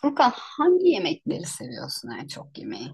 Furkan, hangi yemekleri seviyorsun, en çok yemeği?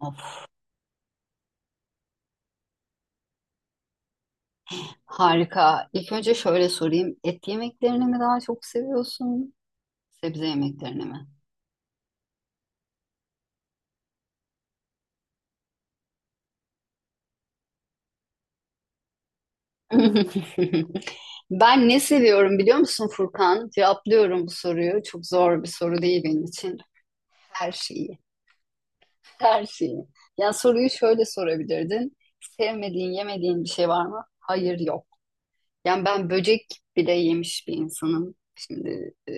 Of, harika. İlk önce şöyle sorayım. Et yemeklerini mi daha çok seviyorsun? Sebze yemeklerini mi? Ben ne seviyorum biliyor musun Furkan? Cevaplıyorum bu soruyu. Çok zor bir soru değil benim için. Her şeyi. Her şeyi. Yani soruyu şöyle sorabilirdin. Sevmediğin, yemediğin bir şey var mı? Hayır, yok. Yani ben böcek bile yemiş bir insanım. Şimdi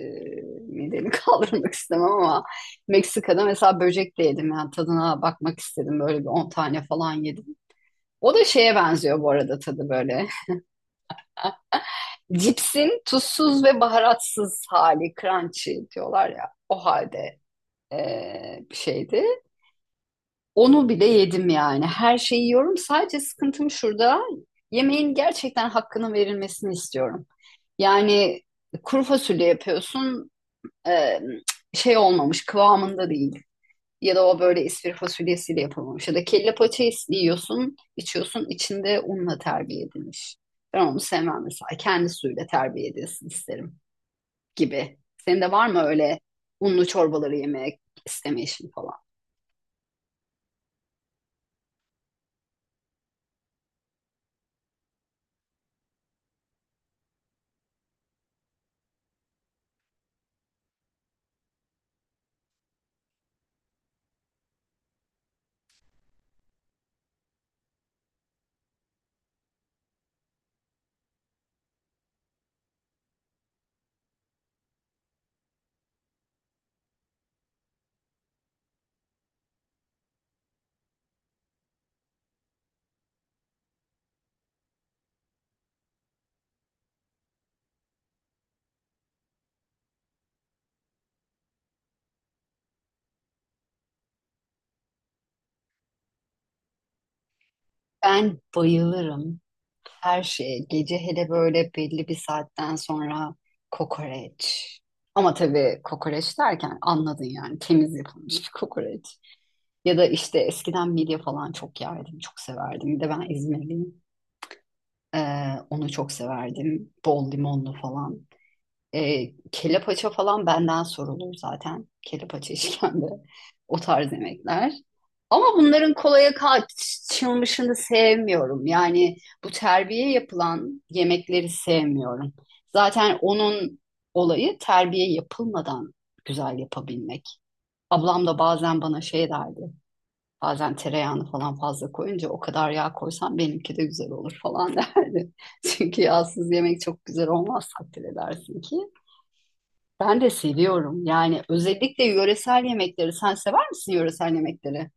midemi kaldırmak istemem ama Meksika'da mesela böcek de yedim. Yani tadına bakmak istedim. Böyle bir 10 tane falan yedim. O da şeye benziyor bu arada tadı böyle. Cipsin tuzsuz ve baharatsız hali, crunchy diyorlar ya. O halde bir şeydi. Onu bile yedim yani. Her şeyi yiyorum. Sadece sıkıntım şurada. Yemeğin gerçekten hakkının verilmesini istiyorum. Yani kuru fasulye yapıyorsun, e, şey olmamış kıvamında değil. Ya da o böyle ispir fasulyesiyle yapılmamış. Ya da kelle paça yiyorsun, içiyorsun, içinde unla terbiye edilmiş. Ben onu sevmem mesela. Kendi suyuyla terbiye edilsin isterim gibi. Senin de var mı öyle unlu çorbaları yemek istemeyişin falan? Ben bayılırım. Her şey. Gece hele böyle belli bir saatten sonra kokoreç. Ama tabii kokoreç derken anladın, yani temiz yapılmış bir kokoreç. Ya da işte eskiden midye falan çok yerdim, çok severdim. Bir de ben İzmirliyim. Ee, Onu çok severdim. Bol limonlu falan. Kelle paça falan benden sorulur zaten. Kelle paça işkembe. O tarz yemekler. Ama bunların kolaya kaçılmışını sevmiyorum. Yani bu terbiye yapılan yemekleri sevmiyorum. Zaten onun olayı terbiye yapılmadan güzel yapabilmek. Ablam da bazen bana şey derdi. Bazen tereyağını falan fazla koyunca, o kadar yağ koysam benimki de güzel olur falan derdi. Çünkü yağsız yemek çok güzel olmaz, takdir edersin ki. Ben de seviyorum. Yani özellikle yöresel yemekleri. Sen sever misin yöresel yemekleri?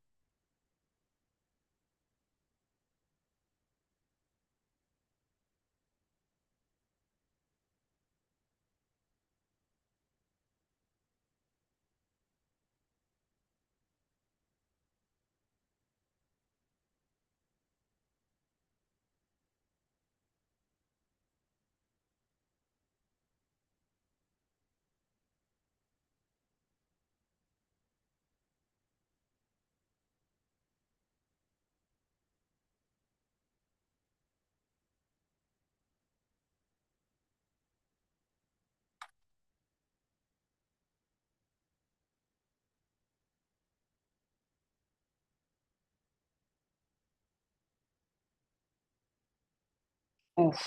Of.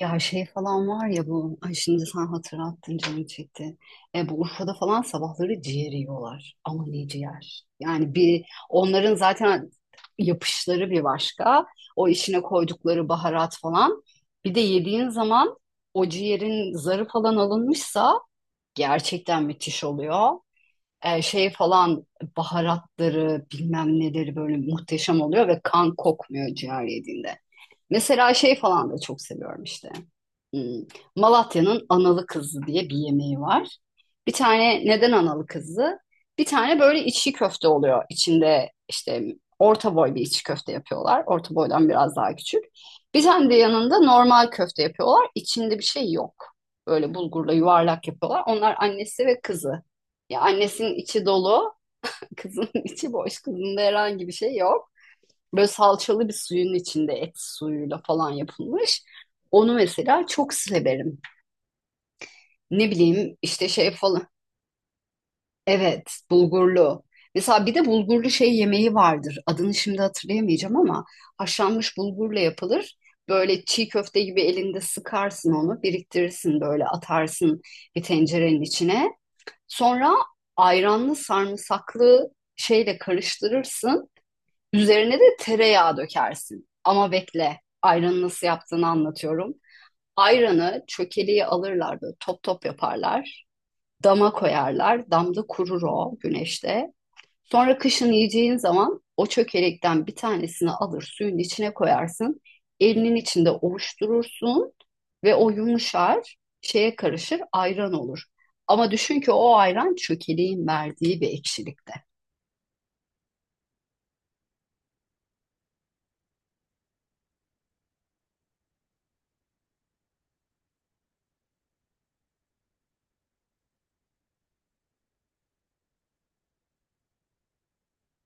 Ya şey falan var ya bu, ay şimdi sen hatırlattın, canım çekti. Bu Urfa'da falan sabahları ciğer yiyorlar. Ama ne ciğer? Yani bir onların zaten yapışları bir başka. O işine koydukları baharat falan. Bir de yediğin zaman o ciğerin zarı falan alınmışsa gerçekten müthiş oluyor. Şey falan, baharatları bilmem neleri böyle muhteşem oluyor ve kan kokmuyor ciğer yediğinde. Mesela şey falan da çok seviyorum işte. Hmm, Malatya'nın analı kızı diye bir yemeği var. Bir tane neden analı kızı? Bir tane böyle içli köfte oluyor. İçinde işte orta boy bir içli köfte yapıyorlar. Orta boydan biraz daha küçük. Bir tane de yanında normal köfte yapıyorlar. İçinde bir şey yok. Böyle bulgurla yuvarlak yapıyorlar. Onlar annesi ve kızı. Ya annesinin içi dolu, kızın içi boş. Kızında herhangi bir şey yok. Böyle salçalı bir suyun içinde et suyuyla falan yapılmış. Onu mesela çok severim. Ne bileyim işte şey falan. Evet, bulgurlu. Mesela bir de bulgurlu şey yemeği vardır. Adını şimdi hatırlayamayacağım ama haşlanmış bulgurla yapılır. Böyle çiğ köfte gibi elinde sıkarsın onu, biriktirirsin böyle, atarsın bir tencerenin içine. Sonra ayranlı sarımsaklı şeyle karıştırırsın. Üzerine de tereyağı dökersin. Ama bekle, ayranı nasıl yaptığını anlatıyorum. Ayranı çökeliği alırlar, böyle top top yaparlar. Dama koyarlar. Damda kurur o güneşte. Sonra kışın yiyeceğin zaman o çökelekten bir tanesini alır, suyun içine koyarsın. Elinin içinde ovuşturursun ve o yumuşar, şeye karışır, ayran olur. Ama düşün ki o ayran çökeleğin verdiği bir ekşilikte.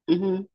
Hı hı.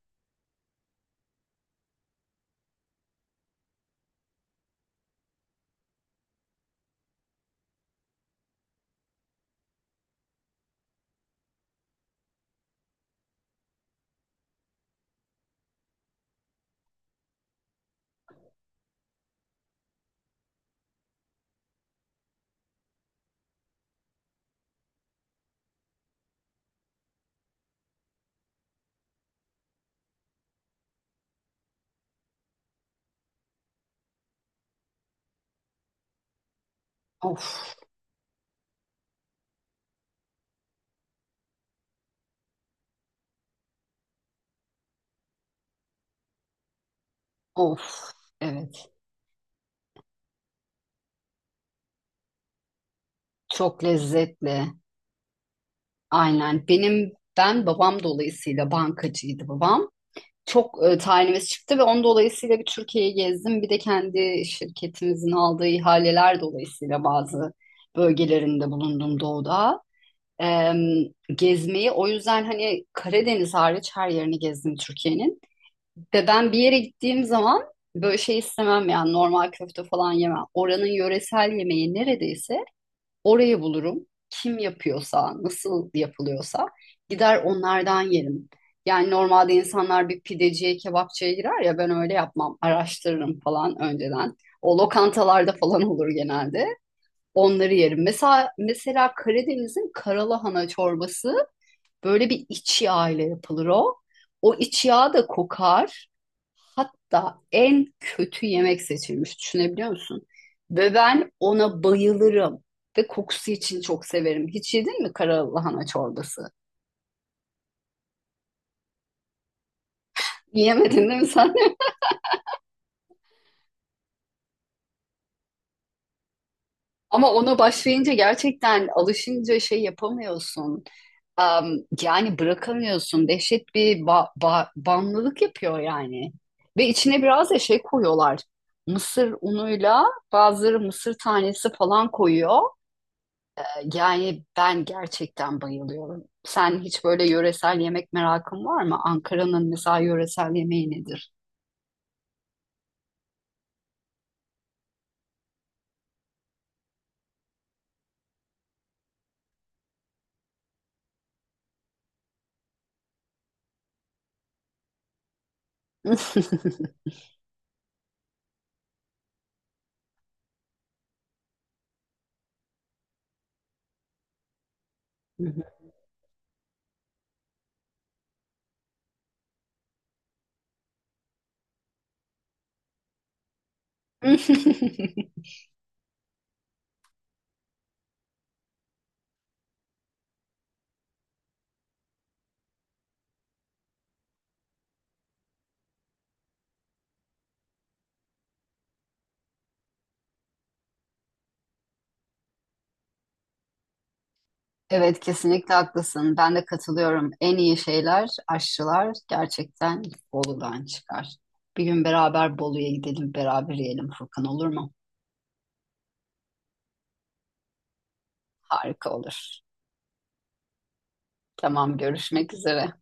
Of, of, evet. Çok lezzetli. Aynen. Benim babam dolayısıyla, bankacıydı babam. Çok tayinimiz çıktı ve onun dolayısıyla bir Türkiye'yi gezdim. Bir de kendi şirketimizin aldığı ihaleler dolayısıyla bazı bölgelerinde bulundum doğuda. Em, Gezmeyi o yüzden, hani Karadeniz hariç her yerini gezdim Türkiye'nin. Ve ben bir yere gittiğim zaman böyle şey istemem, yani normal köfte falan yemem. Oranın yöresel yemeği neredeyse, orayı bulurum. Kim yapıyorsa, nasıl yapılıyorsa gider onlardan yerim. Yani normalde insanlar bir pideciye, kebapçıya girer ya, ben öyle yapmam. Araştırırım falan önceden. O lokantalarda falan olur genelde. Onları yerim. Mesela Karadeniz'in karalahana çorbası, böyle bir iç yağ ile yapılır o. O iç yağ da kokar. Hatta en kötü yemek seçilmiş. Düşünebiliyor musun? Ve ben ona bayılırım. Ve kokusu için çok severim. Hiç yedin mi kara lahana çorbası? Yemedin değil mi sen? Ama ona başlayınca, gerçekten alışınca şey yapamıyorsun. Am, Yani bırakamıyorsun. Dehşet bir bağımlılık yapıyor yani. Ve içine biraz da şey koyuyorlar. Mısır unuyla, bazıları mısır tanesi falan koyuyor. Yani ben gerçekten bayılıyorum. Sen hiç böyle yöresel yemek merakın var mı? Ankara'nın mesela yöresel yemeği nedir? Evet, kesinlikle haklısın. Ben de katılıyorum. En iyi şeyler, aşçılar gerçekten Bolu'dan çıkar. Bir gün beraber Bolu'ya gidelim, beraber yiyelim Furkan, olur mu? Harika olur. Tamam, görüşmek üzere.